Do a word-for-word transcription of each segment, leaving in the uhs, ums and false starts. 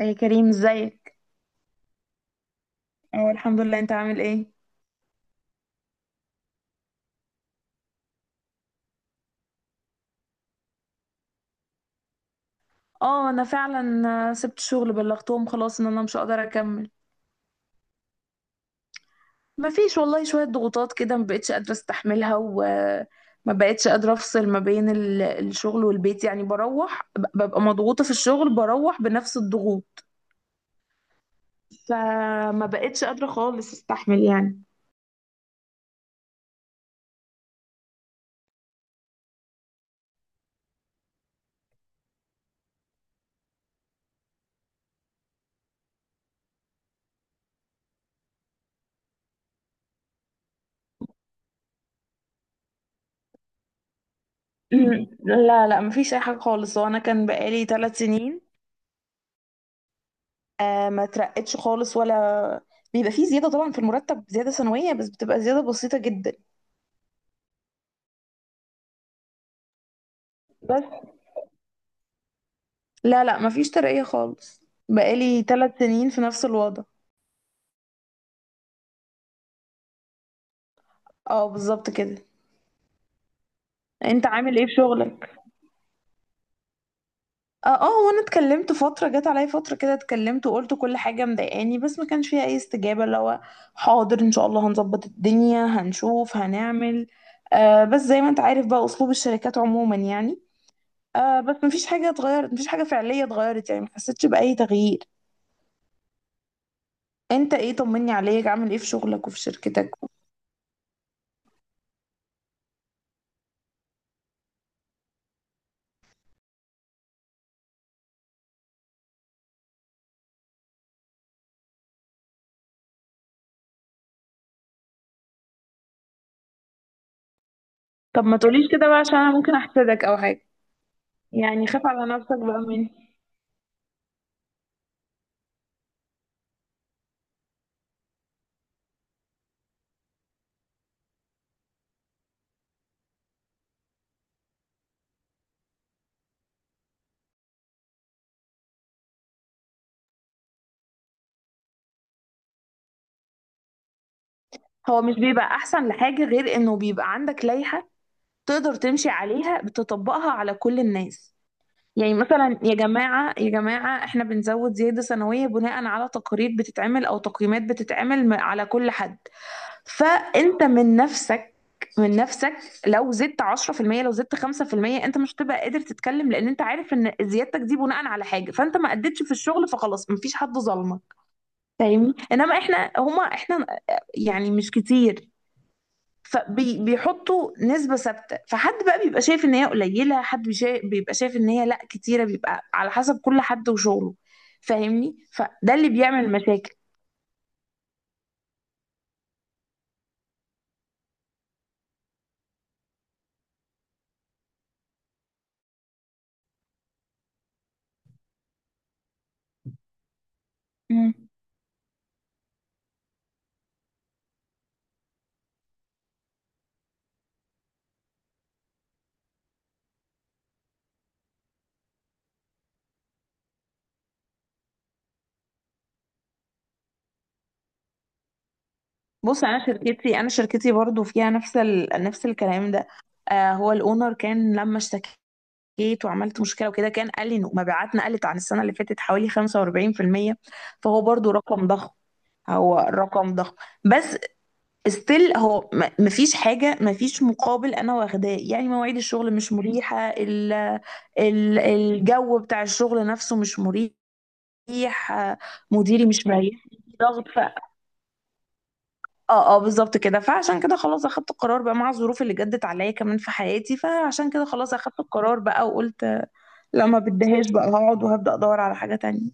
يا كريم، ازيك؟ اه، الحمد لله. انت عامل ايه؟ اه، انا فعلا آه، سبت شغل، بلغتهم خلاص ان انا مش هقدر اكمل. ما فيش والله، شوية ضغوطات كده ما بقتش قادرة استحملها، وما بقتش قادرة افصل ما بين ال- الشغل والبيت. يعني بروح، ب- ببقى مضغوطة في الشغل، بروح بنفس الضغوط. فما بقتش قادرة خالص استحمل يعني. لا لا، ما فيش اي حاجة خالص، وانا كان بقالي ثلاث سنين. آه، ما ترقتش خالص ولا. بيبقى فيه زيادة طبعا في المرتب، زيادة سنوية بس بتبقى زيادة بسيطة جدا. بس لا لا، ما فيش ترقية خالص. بقالي ثلاث سنين في نفس الوضع. اه، بالظبط كده. انت عامل ايه في شغلك؟ اه اه، وانا اتكلمت. فترة جت عليا فترة كده، اتكلمت وقلت كل حاجة مضايقاني، بس ما كانش فيها اي استجابة، اللي هو حاضر ان شاء الله هنظبط الدنيا، هنشوف، هنعمل. آه، بس زي ما انت عارف بقى اسلوب الشركات عموما يعني. آه، بس مفيش حاجة اتغيرت، مفيش حاجة فعلية اتغيرت يعني، محسيتش بأي تغيير. انت ايه؟ طمني عليك، عامل ايه في شغلك وفي شركتك؟ طب ما تقوليش كده بقى عشان انا ممكن احسدك او حاجة. يعني خاف على نفسك بقى مني. هو مش بيبقى احسن لحاجة غير انه بيبقى عندك لائحة تقدر تمشي عليها، بتطبقها على كل الناس. يعني مثلا يا جماعة يا جماعة، احنا بنزود زيادة سنوية بناء على تقارير بتتعمل، او تقييمات بتتعمل م- على كل حد. فانت من نفسك من نفسك، لو زدت عشرة في المية، لو زدت خمسة في المية، انت مش هتبقى قادر تتكلم، لان انت عارف ان زيادتك دي بناء على حاجه، فانت ما اديتش في الشغل، فخلاص مفيش حد ظلمك. فاهمني؟ انما احنا هما احنا، يعني مش كتير. فبيحطوا نسبه ثابته، فحد بقى بيبقى شايف ان هي قليله، حد بيشا- بيبقى شايف ان هي لا كتيره. بيبقى على حسب كل حد وشغله، فاهمني؟ فده اللي بيعمل مشاكل. بص، انا شركتي انا شركتي برضو فيها نفس ال... نفس الكلام ده. آه، هو الاونر كان لما اشتكيت وعملت مشكله وكده، كان قال لي انه مبيعاتنا قلت عن السنه اللي فاتت حوالي خمسة وأربعين في المية. فهو برضو رقم ضخم، هو رقم ضخم. بس ستيل هو، م- مفيش حاجه، مفيش مقابل انا واخداه. يعني مواعيد الشغل مش مريحه، ال... ال... الجو بتاع الشغل نفسه مش مريح. آه، مديري مش مريح، ضغط. اه اه، بالظبط كده. فعشان كده خلاص اخدت القرار بقى، مع الظروف اللي جدت عليا كمان في حياتي. فعشان كده خلاص اخدت القرار بقى وقلت لا، ما بديهاش بقى، هقعد وهبدأ ادور على حاجة تانية.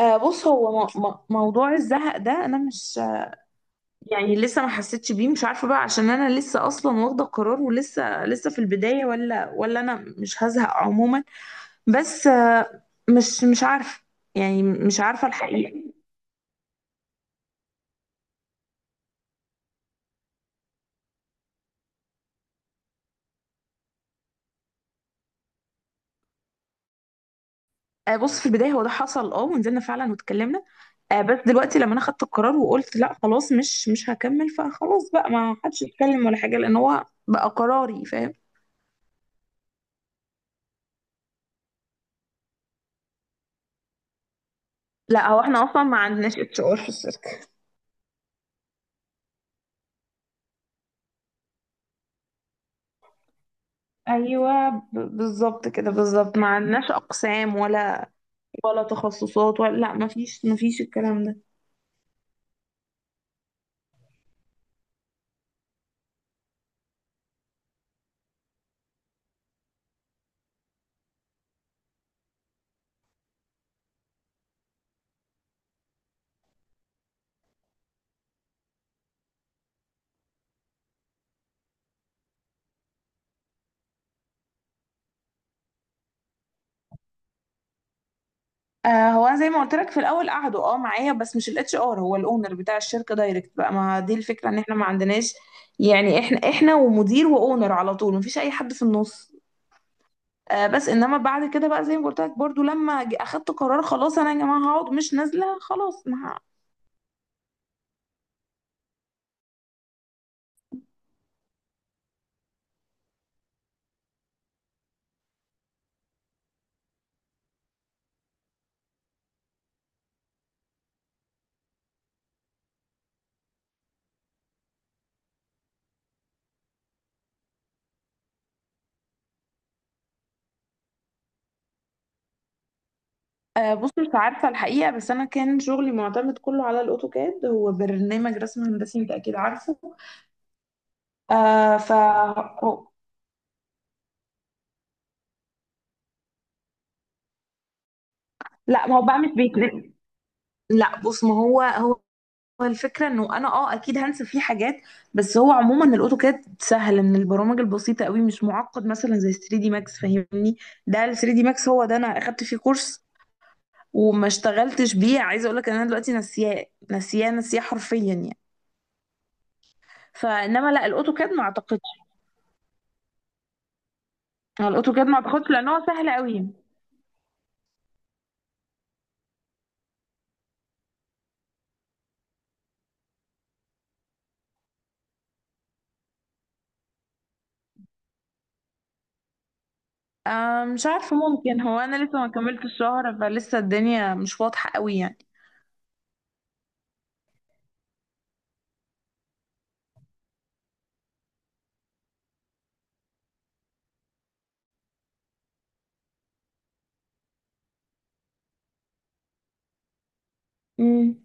آه، بص، هو م م موضوع الزهق ده انا مش، يعني لسه ما حسيتش بيه. مش عارفة بقى، عشان انا لسه اصلا واخدة القرار، ولسه لسه في البداية، ولا ولا انا مش هزهق عموما. بس آه، مش مش عارفة، يعني مش عارفة الحقيقة. آه، بص، في البداية هو ده حصل، اه ونزلنا فعلا واتكلمنا. آه، بس دلوقتي لما انا خدت القرار وقلت لا خلاص، مش مش هكمل، فخلاص بقى ما حدش يتكلم ولا حاجه، لان هو بقى قراري، فاهم؟ لا، هو احنا اصلا ما عندناش اتش ار في الشركه. ايوه، ب- بالظبط كده، بالظبط ما عندناش اقسام ولا ولا تخصصات ولا، لا، ما فيش، ما فيش الكلام ده. آه، هو أنا زي ما قلت لك في الاول قعدوا، اه معايا، بس مش الاتش ار، هو الاونر بتاع الشركه دايركت. بقى ما دي الفكره، ان احنا ما عندناش يعني، احنا احنا ومدير واونر على طول، ما فيش اي حد في النص. آه، بس انما بعد كده بقى زي ما قلت لك برضو، لما ج- اخدت قرار خلاص انا، يا جماعه هقعد، مش نازله خلاص، ما ه- آه، بص، مش عارفه الحقيقه، بس انا كان شغلي معتمد كله على الاوتوكاد، هو برنامج رسم هندسي انت اكيد عارفه. آه، ف هو- لا، ما هو بقى مش بيتنقل. لا، بص، ما هو، هو هو الفكره انه انا، اه اكيد هنسى فيه حاجات. بس هو عموما الاوتوكاد سهل، من البرامج البسيطه قوي، مش معقد مثلا زي ثلاثة دي ماكس، فاهمني؟ ده ال ثلاثة دي ماكس هو، ده انا اخدت فيه كورس وما اشتغلتش بيه. عايزه اقول لك ان انا دلوقتي نسياه نسياه نسياه حرفيا يعني. فانما لا، الاوتوكاد ما اعتقدش. هو الاوتوكاد ما اعتقدش، لان هو سهل قوي. آه، مش عارفه، ممكن، هو انا لسه ما كملتش الشهر، فلسه الدنيا مش واضحه قوي يعني. امم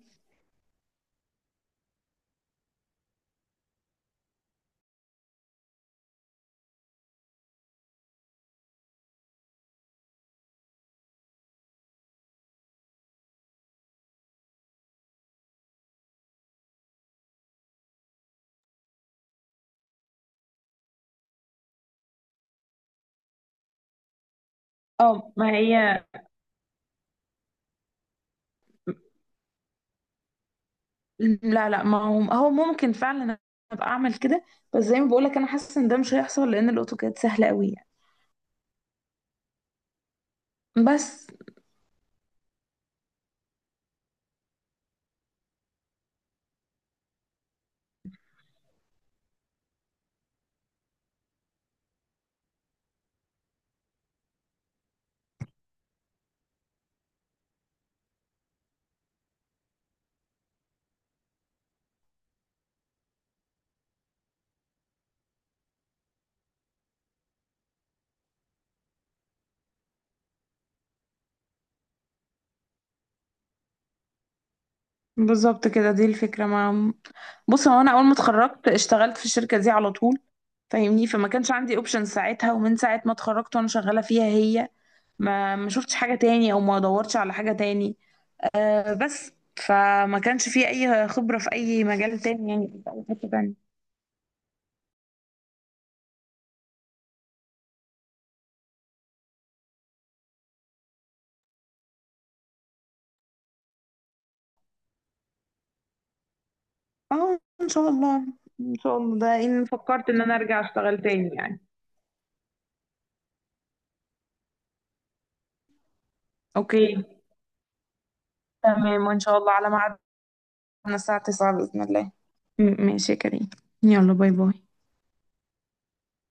اه. ما هي، لا لا، ما هو هو ممكن فعلا ابقى اعمل كده. بس زي ما بقول لك انا حاسه ان ده مش هيحصل، لان الاوتوكاد سهل قوي يعني. بس بالظبط كده دي الفكره. ما بص، هو انا اول ما اتخرجت اشتغلت في الشركه دي على طول. فاهمني؟ فما كانش عندي اوبشن ساعتها، ومن ساعة ما اتخرجت وانا شغالة فيها هي، ما ما شفتش حاجة تاني، او ما دورتش على حاجة تاني. آه، بس فما كانش في اي خبرة في اي مجال تاني يعني، في اي حتة تانية. اه، ان شاء الله. ان شاء الله ده ان فكرت ان انا ارجع اشتغل تاني يعني. اوكي، تمام، وان شاء الله على ميعادنا الساعة تسعة بإذن الله. م- ماشي يا كريم. يلا، باي باي.